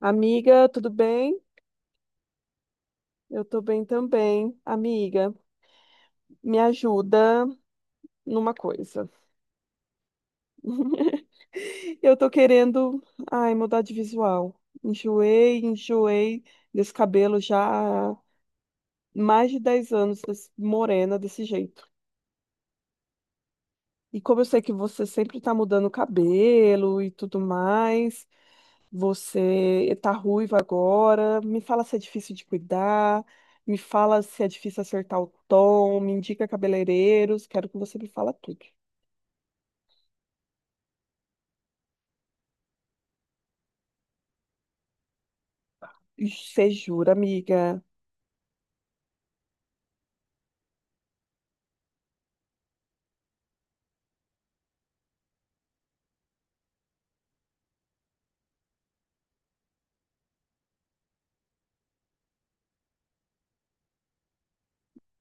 Amiga, tudo bem? Eu tô bem também. Amiga, me ajuda numa coisa. Eu tô querendo, ai, mudar de visual. Enjoei, enjoei desse cabelo já há mais de 10 anos, morena desse jeito. E como eu sei que você sempre tá mudando o cabelo e tudo mais, você tá ruiva agora, me fala se é difícil de cuidar, me fala se é difícil acertar o tom, me indica cabeleireiros, quero que você me fala tudo. Ixi, você jura, amiga?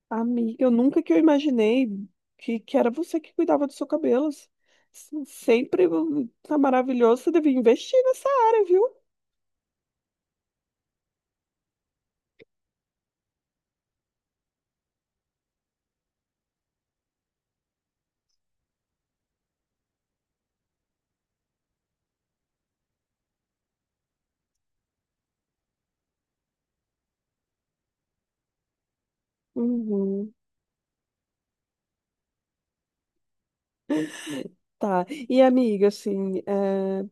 Amiga, eu nunca que eu imaginei que era você que cuidava dos seus cabelos. Sempre tá maravilhoso, você devia investir nessa área, viu? Uhum, tá. E amiga, assim,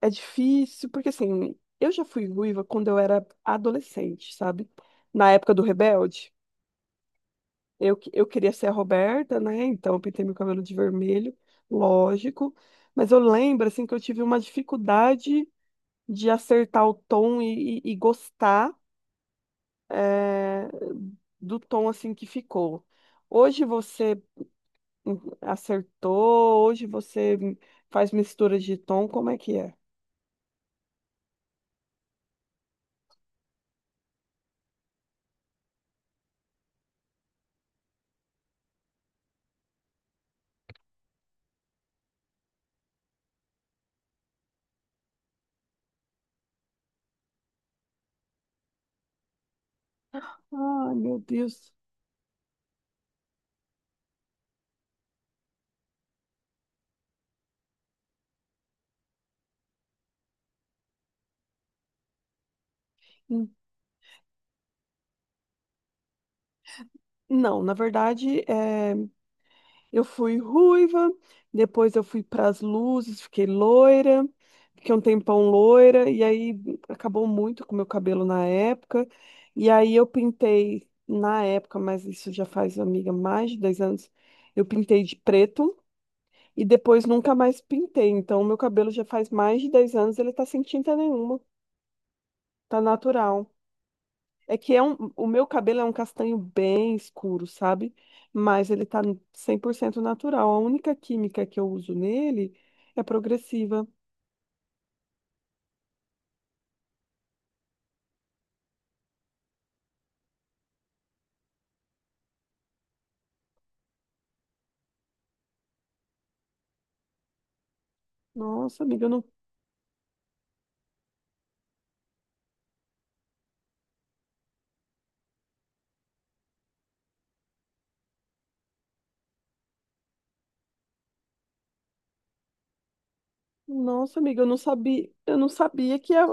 é difícil, porque assim, eu já fui ruiva quando eu era adolescente, sabe? Na época do Rebelde, eu queria ser a Roberta, né? Então eu pintei meu cabelo de vermelho, lógico. Mas eu lembro, assim, que eu tive uma dificuldade de acertar o tom e gostar, eh, do tom, assim, que ficou. Hoje você acertou, hoje você faz mistura de tom, como é que é? Ai, meu Deus. Não, na verdade, eu fui ruiva, depois eu fui para as luzes, fiquei loira, fiquei um tempão loira, e aí acabou muito com o meu cabelo na época. E aí eu pintei, na época, mas isso já faz, amiga, mais de 10 anos, eu pintei de preto e depois nunca mais pintei. Então, o meu cabelo já faz mais de 10 anos, ele tá sem tinta nenhuma, tá natural. É que é um, o meu cabelo é um castanho bem escuro, sabe? Mas ele tá 100% natural. A única química que eu uso nele é progressiva. Nossa, amiga, eu não, nossa, amiga, eu não sabia,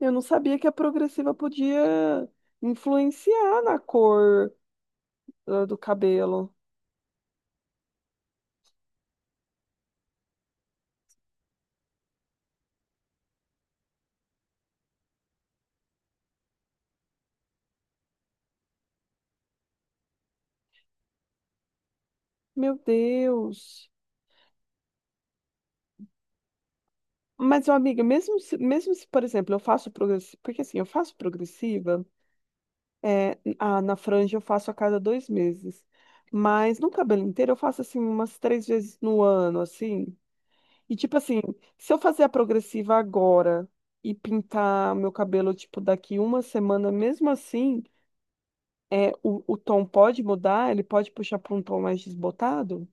eu não sabia que a progressiva podia influenciar na cor ah, do cabelo. Meu Deus. Mas, ó, amiga, mesmo se, por exemplo, eu faço progressiva. É, na franja eu faço a cada dois meses. Mas no cabelo inteiro eu faço assim umas três vezes no ano, assim. E tipo assim, se eu fazer a progressiva agora e pintar meu cabelo, tipo, daqui uma semana, mesmo assim, é, o tom pode mudar? Ele pode puxar para um tom mais desbotado?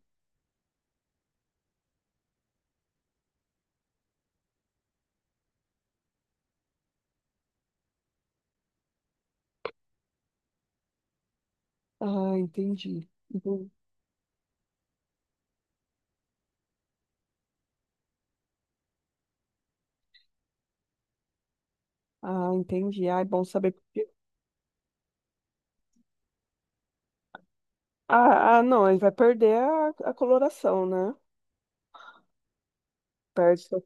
Ah, entendi. Uhum. Ah, entendi. Ah, é bom saber. Ah, não, ele vai perder a coloração, né? Perde.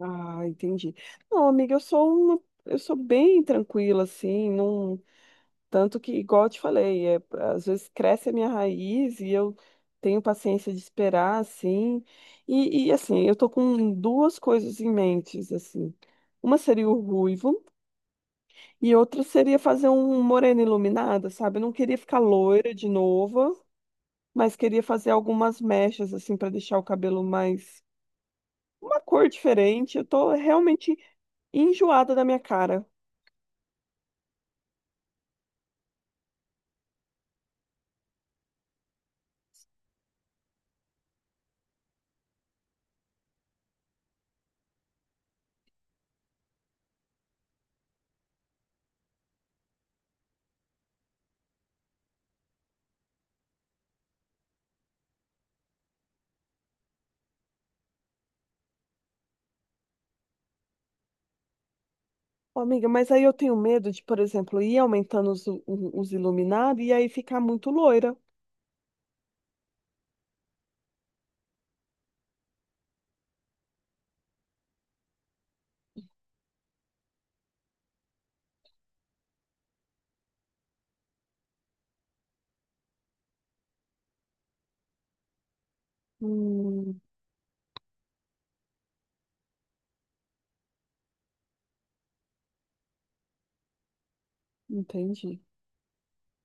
Ah, entendi. Não, amiga, eu sou bem tranquila, assim, não, tanto que, igual eu te falei, é, às vezes cresce a minha raiz e eu tenho paciência de esperar, assim, assim, eu tô com duas coisas em mente, assim, uma seria o ruivo e outra seria fazer um morena iluminada, sabe? Eu não queria ficar loira de novo, mas queria fazer algumas mechas, assim, para deixar o cabelo mais, uma cor diferente, eu tô realmente enjoada da minha cara. Ô, amiga, mas aí eu tenho medo de, por exemplo, ir aumentando os iluminados e aí ficar muito loira. Hum, entendi.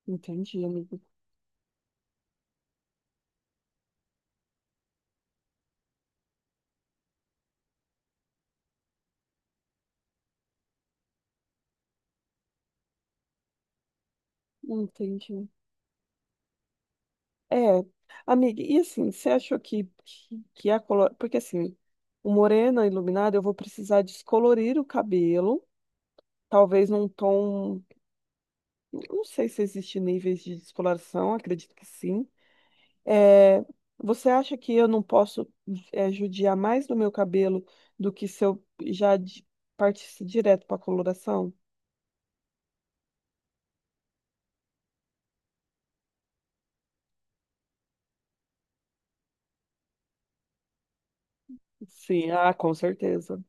Entendi, amiga. Entendi. É, amiga, e assim, você achou que a color... Porque assim, o morena iluminada, eu vou precisar descolorir o cabelo, talvez num tom... Não sei se existe níveis de descoloração, acredito que sim. É, você acha que eu não posso é, judiar mais do meu cabelo do que se eu partisse direto para coloração? Sim, ah, com certeza.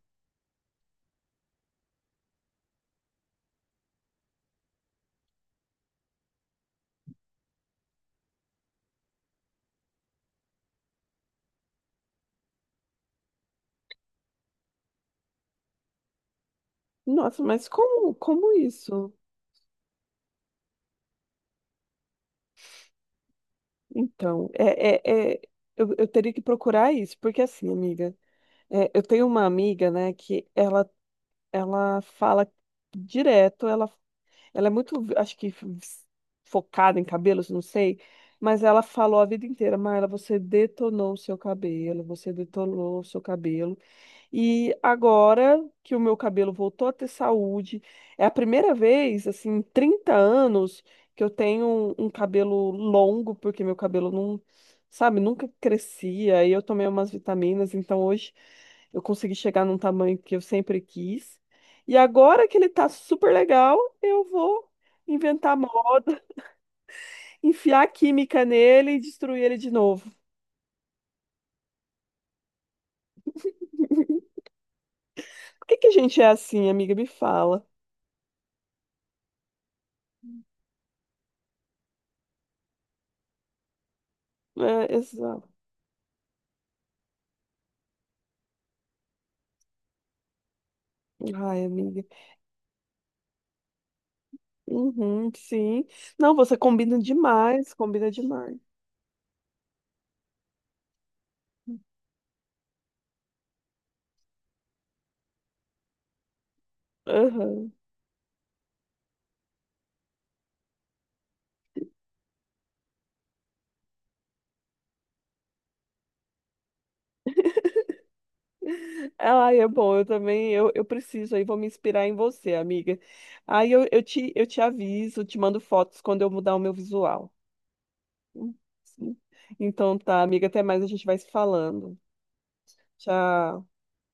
Nossa, mas como, como isso? Então, é, é, é, eu teria que procurar isso, porque assim, amiga, é, eu tenho uma amiga, né, ela fala direto, ela ela é muito, acho que focada em cabelos, não sei, mas ela falou a vida inteira, Mayra, você detonou o seu cabelo, você detonou o seu cabelo. E agora que o meu cabelo voltou a ter saúde, é a primeira vez, assim, em 30 anos que eu tenho um cabelo longo, porque meu cabelo não, sabe, nunca crescia. E eu tomei umas vitaminas, então hoje eu consegui chegar num tamanho que eu sempre quis. E agora que ele tá super legal, eu vou inventar moda, enfiar química nele e destruir ele de novo. Por que que a gente é assim, amiga? Me fala. É, exato. Ai, amiga. Uhum, sim. Não, você combina demais, combina demais. Aham. Ai, é bom, eu também, eu preciso aí, vou me inspirar em você, amiga. Aí eu te aviso, te mando fotos quando eu mudar o meu visual. Hum, sim. Então tá, amiga, até mais, a gente vai se falando. Tchau.